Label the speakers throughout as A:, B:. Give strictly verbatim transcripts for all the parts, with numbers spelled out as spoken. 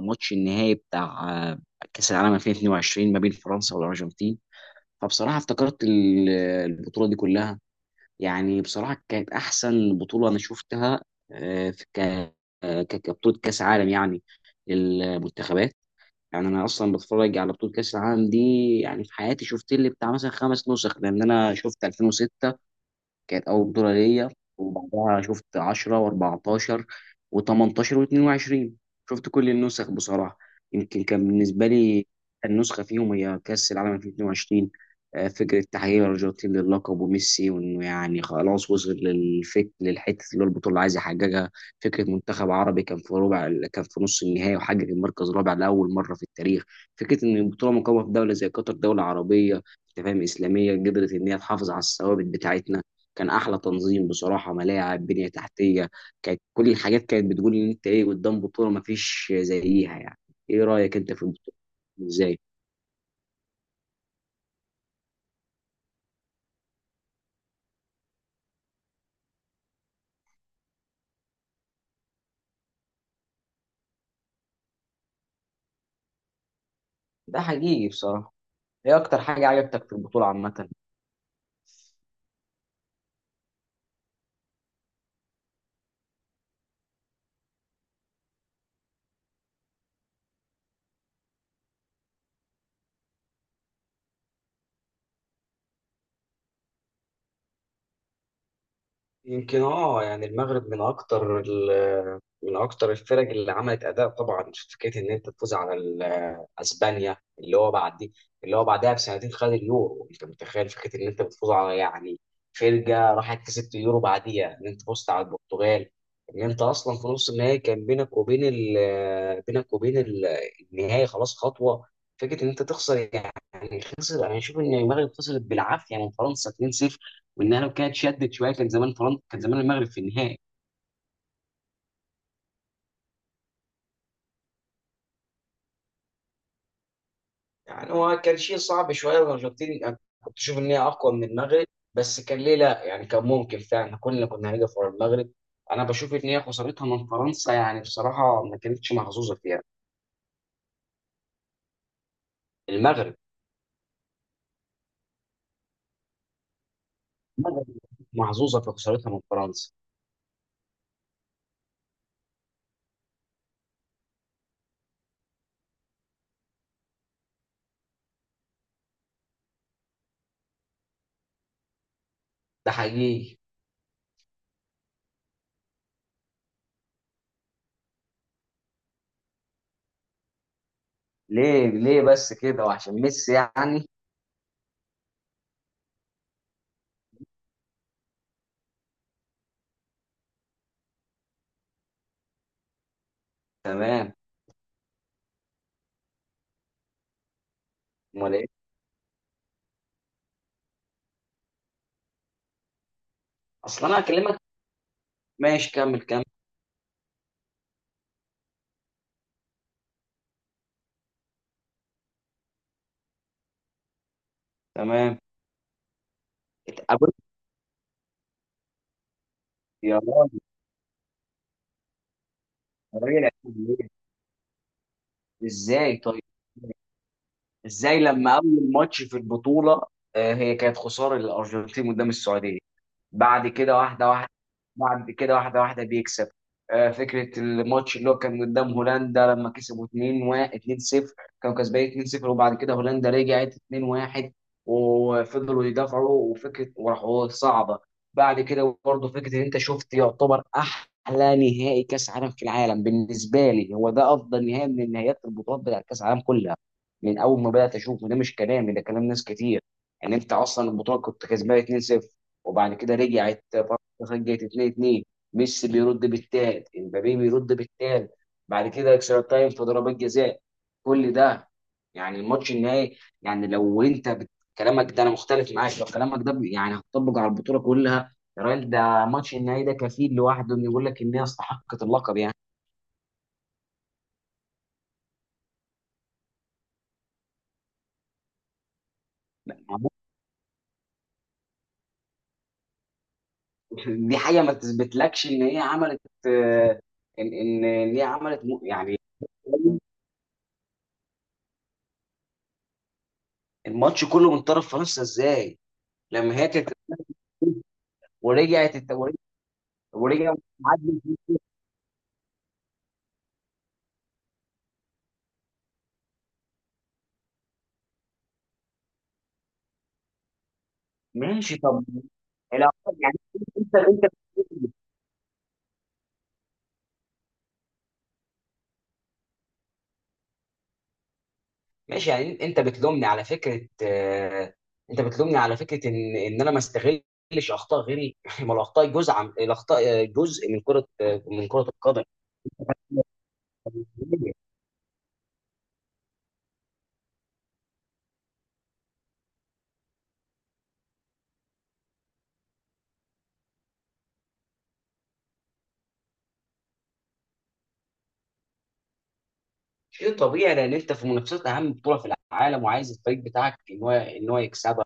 A: ماتش النهائي بتاع آه، كأس العالم ألفين واتنين وعشرين ما بين فرنسا والأرجنتين. فبصراحة افتكرت ال- البطولة دي كلها. يعني بصراحة كانت أحسن بطولة أنا شفتها، آه، في ك- آه، ك- كبطولة كأس عالم يعني. المنتخبات، يعني أنا أصلا بتفرج على بطولة كأس العالم دي. يعني في حياتي شفت لي بتاع مثلا خمس نسخ، لأن أنا شفت ألفين وستة كانت أول بطولة ليا، وبعدها شفت عشرة و14 و18 و22. شفت كل النسخ بصراحة. يمكن كان بالنسبة لي النسخة فيهم هي كأس العالم ألفين واتنين وعشرين. آه، فكرة تحقيق الأرجنتين للقب وميسي، وإنه يعني خلاص وصل للفك للحتة اللي هو البطولة اللي عايز يحققها. فكرة منتخب عربي كان في ربع كان في نص النهائي وحقق المركز الرابع لأول مرة في التاريخ. فكرة إن البطولة مقامة في دولة زي قطر، دولة عربية، أنت فاهم، إسلامية، قدرت إن هي تحافظ على الثوابت بتاعتنا. كان احلى تنظيم بصراحه، ملاعب، بنيه تحتيه. كانت كل الحاجات كانت بتقول ان انت ايه قدام بطوله ما فيش زيها يعني. ايه رايك انت في البطوله؟ ازاي؟ ده حقيقي بصراحه. ايه اكتر حاجه عجبتك في البطوله عامه؟ يمكن اه، يعني المغرب من اكتر ال- من اكتر الفرق اللي عملت اداء. طبعا في فكره ان انت تفوز على ال- اسبانيا، اللي هو بعد دي، اللي هو بعدها بسنتين خد اليورو. انت متخيل فكره ان انت بتفوز على، يعني، فرقه راحت كسبت اليورو بعديها، ان انت فزت على البرتغال. ان انت اصلا في نص النهائي كان بينك وبين ال- بينك وبين ال- النهائي خلاص خطوه. فكره ان انت تخسر، يعني خسر انا اشوف ان المغرب خسرت بالعافيه من فرنسا اتنين صفر، وانها لو كانت شدت شويه كان زمان فرنسا كان زمان المغرب في النهائي. يعني هو كان شيء صعب شويه، الارجنتين أنا كنت اشوف ان هي اقوى من المغرب، بس كان ليه لا؟ يعني كان ممكن فعلا كلنا كنا هنقف ورا المغرب. انا بشوف ان هي خسارتها من فرنسا يعني بصراحه ما كانتش محظوظه فيها. المغرب. المغرب محظوظه في خسارتها من فرنسا. ده حقيقي. ليه؟ ليه بس كده، وعشان ميسي يعني؟ تمام. امال ايه. اصل انا هكلمك. ماشي، كمل كمل. تمام. اتقابلت. يا راجل يا راجل. ازاي طيب؟ ازاي لما اول ماتش في البطوله آه، هي كانت خساره للارجنتين قدام السعوديه، بعد كده واحده واحده. بعد كده واحده واحده بيكسب. آه، فكره الماتش اللي هو كان قدام هولندا لما كسبوا اتنين واحد اتنين صفر. كانوا كسبانين اتنين صفر، وبعد كده هولندا رجعت اتنين واحد، وفضلوا يدافعوا، وفكره وراحوا صعبه. بعد كده برضه فكره ان انت شفت يعتبر احلى نهائي كاس عالم في العالم. بالنسبه لي هو ده افضل نهائي من النهائيات، البطولات بتاعت كاس العالم كلها، من اول ما بدات اشوف. وده مش كلامي، ده كلام ناس كتير. يعني انت اصلا البطوله كنت كسبان اتنين صفر، وبعد كده رجعت فرنسا سجلت اتنين اتنين، ميسي بيرد بالتالت، امبابي بيرد بالتالت، بعد كده اكسترا تايم، في ضربات جزاء. كل ده يعني الماتش النهائي. يعني لو انت بت... كلامك ده انا مختلف معاك. لو كلامك ده ب- يعني هتطبق على البطوله كلها، يا راجل ده ماتش النهائي، ده كفيل لوحده انه يقول لك ان هي استحقت اللقب يعني. دي حاجه ما تثبتلكش ان هي عملت آه، ان ان إن هي عملت م- يعني. الماتش كله من طرف فرنسا، ازاي؟ لما هي كانت ورجعت الت... ورجع، ورجع، عدل فيه. ماشي طب. العقاب يعني. انت انت. ماشي يعني انت بتلومني على فكره، آه، انت بتلومني على فكره ان ان انا ما استغلش اخطاء غيري ما الاخطاء جزء عم... الاخطاء آه، جزء من كره، آه، من كره القدم. شيء طبيعي لان انت في منافسات اهم بطوله في العالم، وعايز الفريق بتاعك ان هو ان هو يكسبها.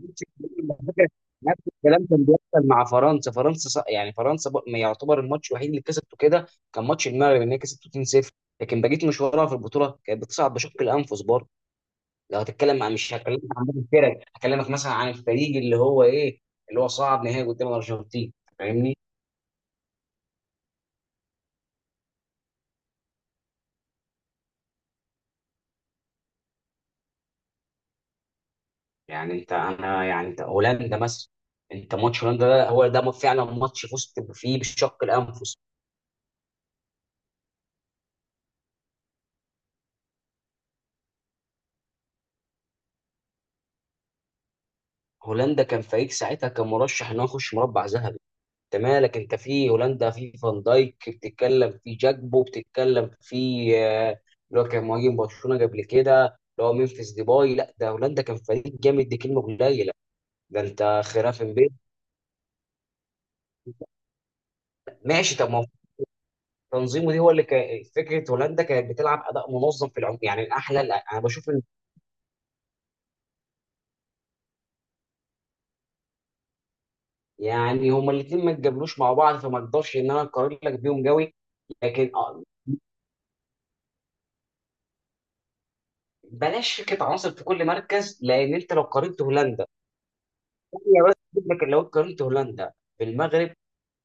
A: نفس الكلام على فكرة، نفس الكلام كان بيحصل مع فرنسا فرنسا ص- يعني فرنسا ب- ما يعتبر الماتش الوحيد اللي كسبته كده كان ماتش المغرب، ان هي كسبته اتنين صفر. لكن بقيت مشوارها في البطوله كانت بتصعد بشق الانفس برضه. لو هتتكلم عن مش هكلمك عن باقي الفرق، هكلمك مثلا عن الفريق اللي هو ايه، اللي هو صعد نهائي قدام الارجنتين، فاهمني؟ يعني انت انا يعني انت هولندا مثلا. انت ماتش هولندا ده، هو ده فعلا ماتش فزت فيه بشق الانفس. هولندا كان فريق ساعتها كان مرشح ان هو يخش مربع ذهبي. انت مالك؟ انت في هولندا، في فان دايك بتتكلم، في جاكبو بتتكلم، في آه، اللي هو كان مهاجم برشلونه قبل كده، اللي هو ممفيس ديباي. لا، ده هولندا كان فريق جامد، دي كلمه قليله، ده انت خراف بيت. ماشي طب. ما هو تنظيمه دي هو اللي كان فكره، هولندا كانت بتلعب اداء منظم في العموم، يعني الاحلى. لا، انا بشوف ان، يعني هما الاثنين ما اتقابلوش مع بعض، فما اقدرش ان انا اقارن لك بيهم قوي. لكن آه، بلاش فكره عناصر في كل مركز، لان انت لو قارنت هولندا هي بس. فكرة لو قارنت هولندا بالمغرب،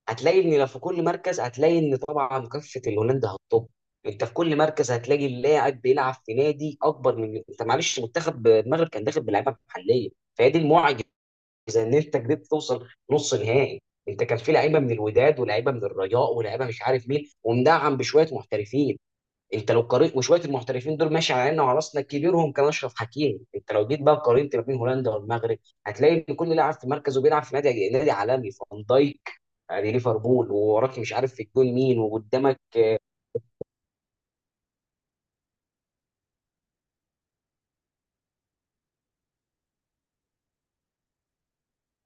A: هتلاقي ان لو في كل مركز هتلاقي ان طبعا كفه الهولندا هتطب. انت في كل مركز هتلاقي اللاعب بيلعب في نادي اكبر من انت. معلش، منتخب المغرب كان داخل بلعيبه محليه، فهي دي المعجزه، ان انت قدرت توصل نص نهائي. انت كان في لعيبه من الوداد، ولاعيبه من الرجاء، ولاعيبه مش عارف مين، ومدعم بشويه محترفين. انت لو قارنت، وشويه المحترفين دول ماشي على عيننا وعلى راسنا، كبيرهم كان اشرف حكيمي. انت لو جيت بقى قارنت ما بين هولندا والمغرب، هتلاقي ان كل لاعب في مركزه بيلعب في نادي نادي عالمي. فان دايك ادي ليفربول ووراك مش عارف في الجون مين، وقدامك.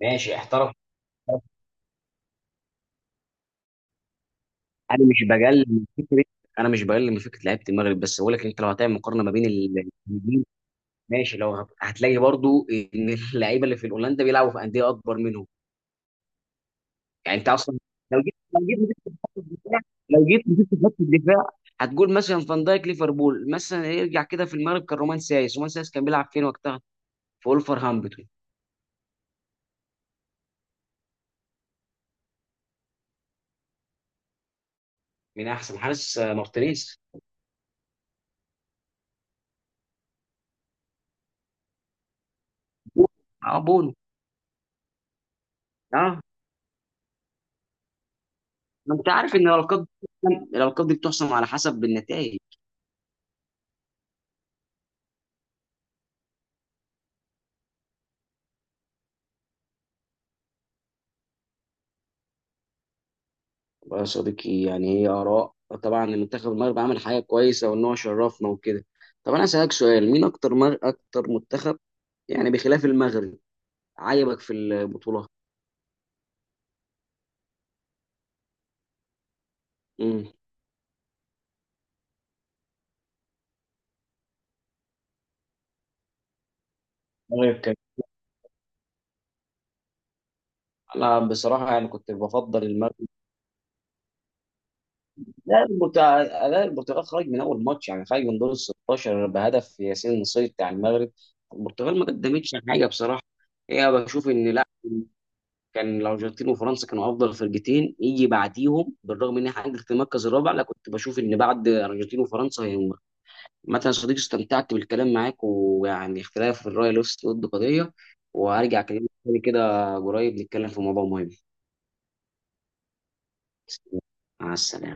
A: ماشي، احترف. انا مش بقلل من فكره انا مش بقلل من فكره لعيبه المغرب، بس بقول لك انت لو هتعمل مقارنه ما بين ال- الجيل، ماشي، لو هت- هتلاقي برضو ان اللعيبه اللي في هولندا بيلعبوا في انديه اكبر منهم. يعني انت اصلا، لو جيت لو جيت مسكت خط الدفاع. لو جيت مسكت خط الدفاع، هتقول مثلا فان دايك ليفربول. مثلا، يرجع كده، في المغرب كان رومان سايس، رومان سايس كان بيلعب فين وقتها؟ في ولفرهامبتون. من احسن حارس آه، مارتينيز. اه، بونو. اه. ما انت عارف ان الالقاب دي- الالقاب دي بتحسم على حسب النتائج. والله يا صديقي، يعني هي آراء. طبعا المنتخب المغرب عمل حاجة كويسة، وإن هو شرفنا وكده. طب أنا أسألك سؤال، مين أكتر مر... أكتر منتخب، يعني بخلاف المغرب، عجبك في البطولة؟ طيب كده. انا بصراحه يعني كنت بفضل المغرب. لا المت... لا البرتغال خرج من اول ماتش، يعني خرج من دور ال ستاشر بهدف ياسين النصيري بتاع المغرب. البرتغال ما قدمتش حاجه بصراحه. هي بشوف ان لا، كان الارجنتين وفرنسا كانوا افضل فرقتين، يجي بعديهم بالرغم ان احنا حققت المركز الرابع. لا، كنت بشوف ان بعد الارجنتين وفرنسا هي. مثلا صديقي، استمتعت بالكلام معاك، ويعني اختلاف الراي له ضد قضيه. وهرجع اكلمك تاني كده قريب، نتكلم في موضوع مهم. مع السلامه.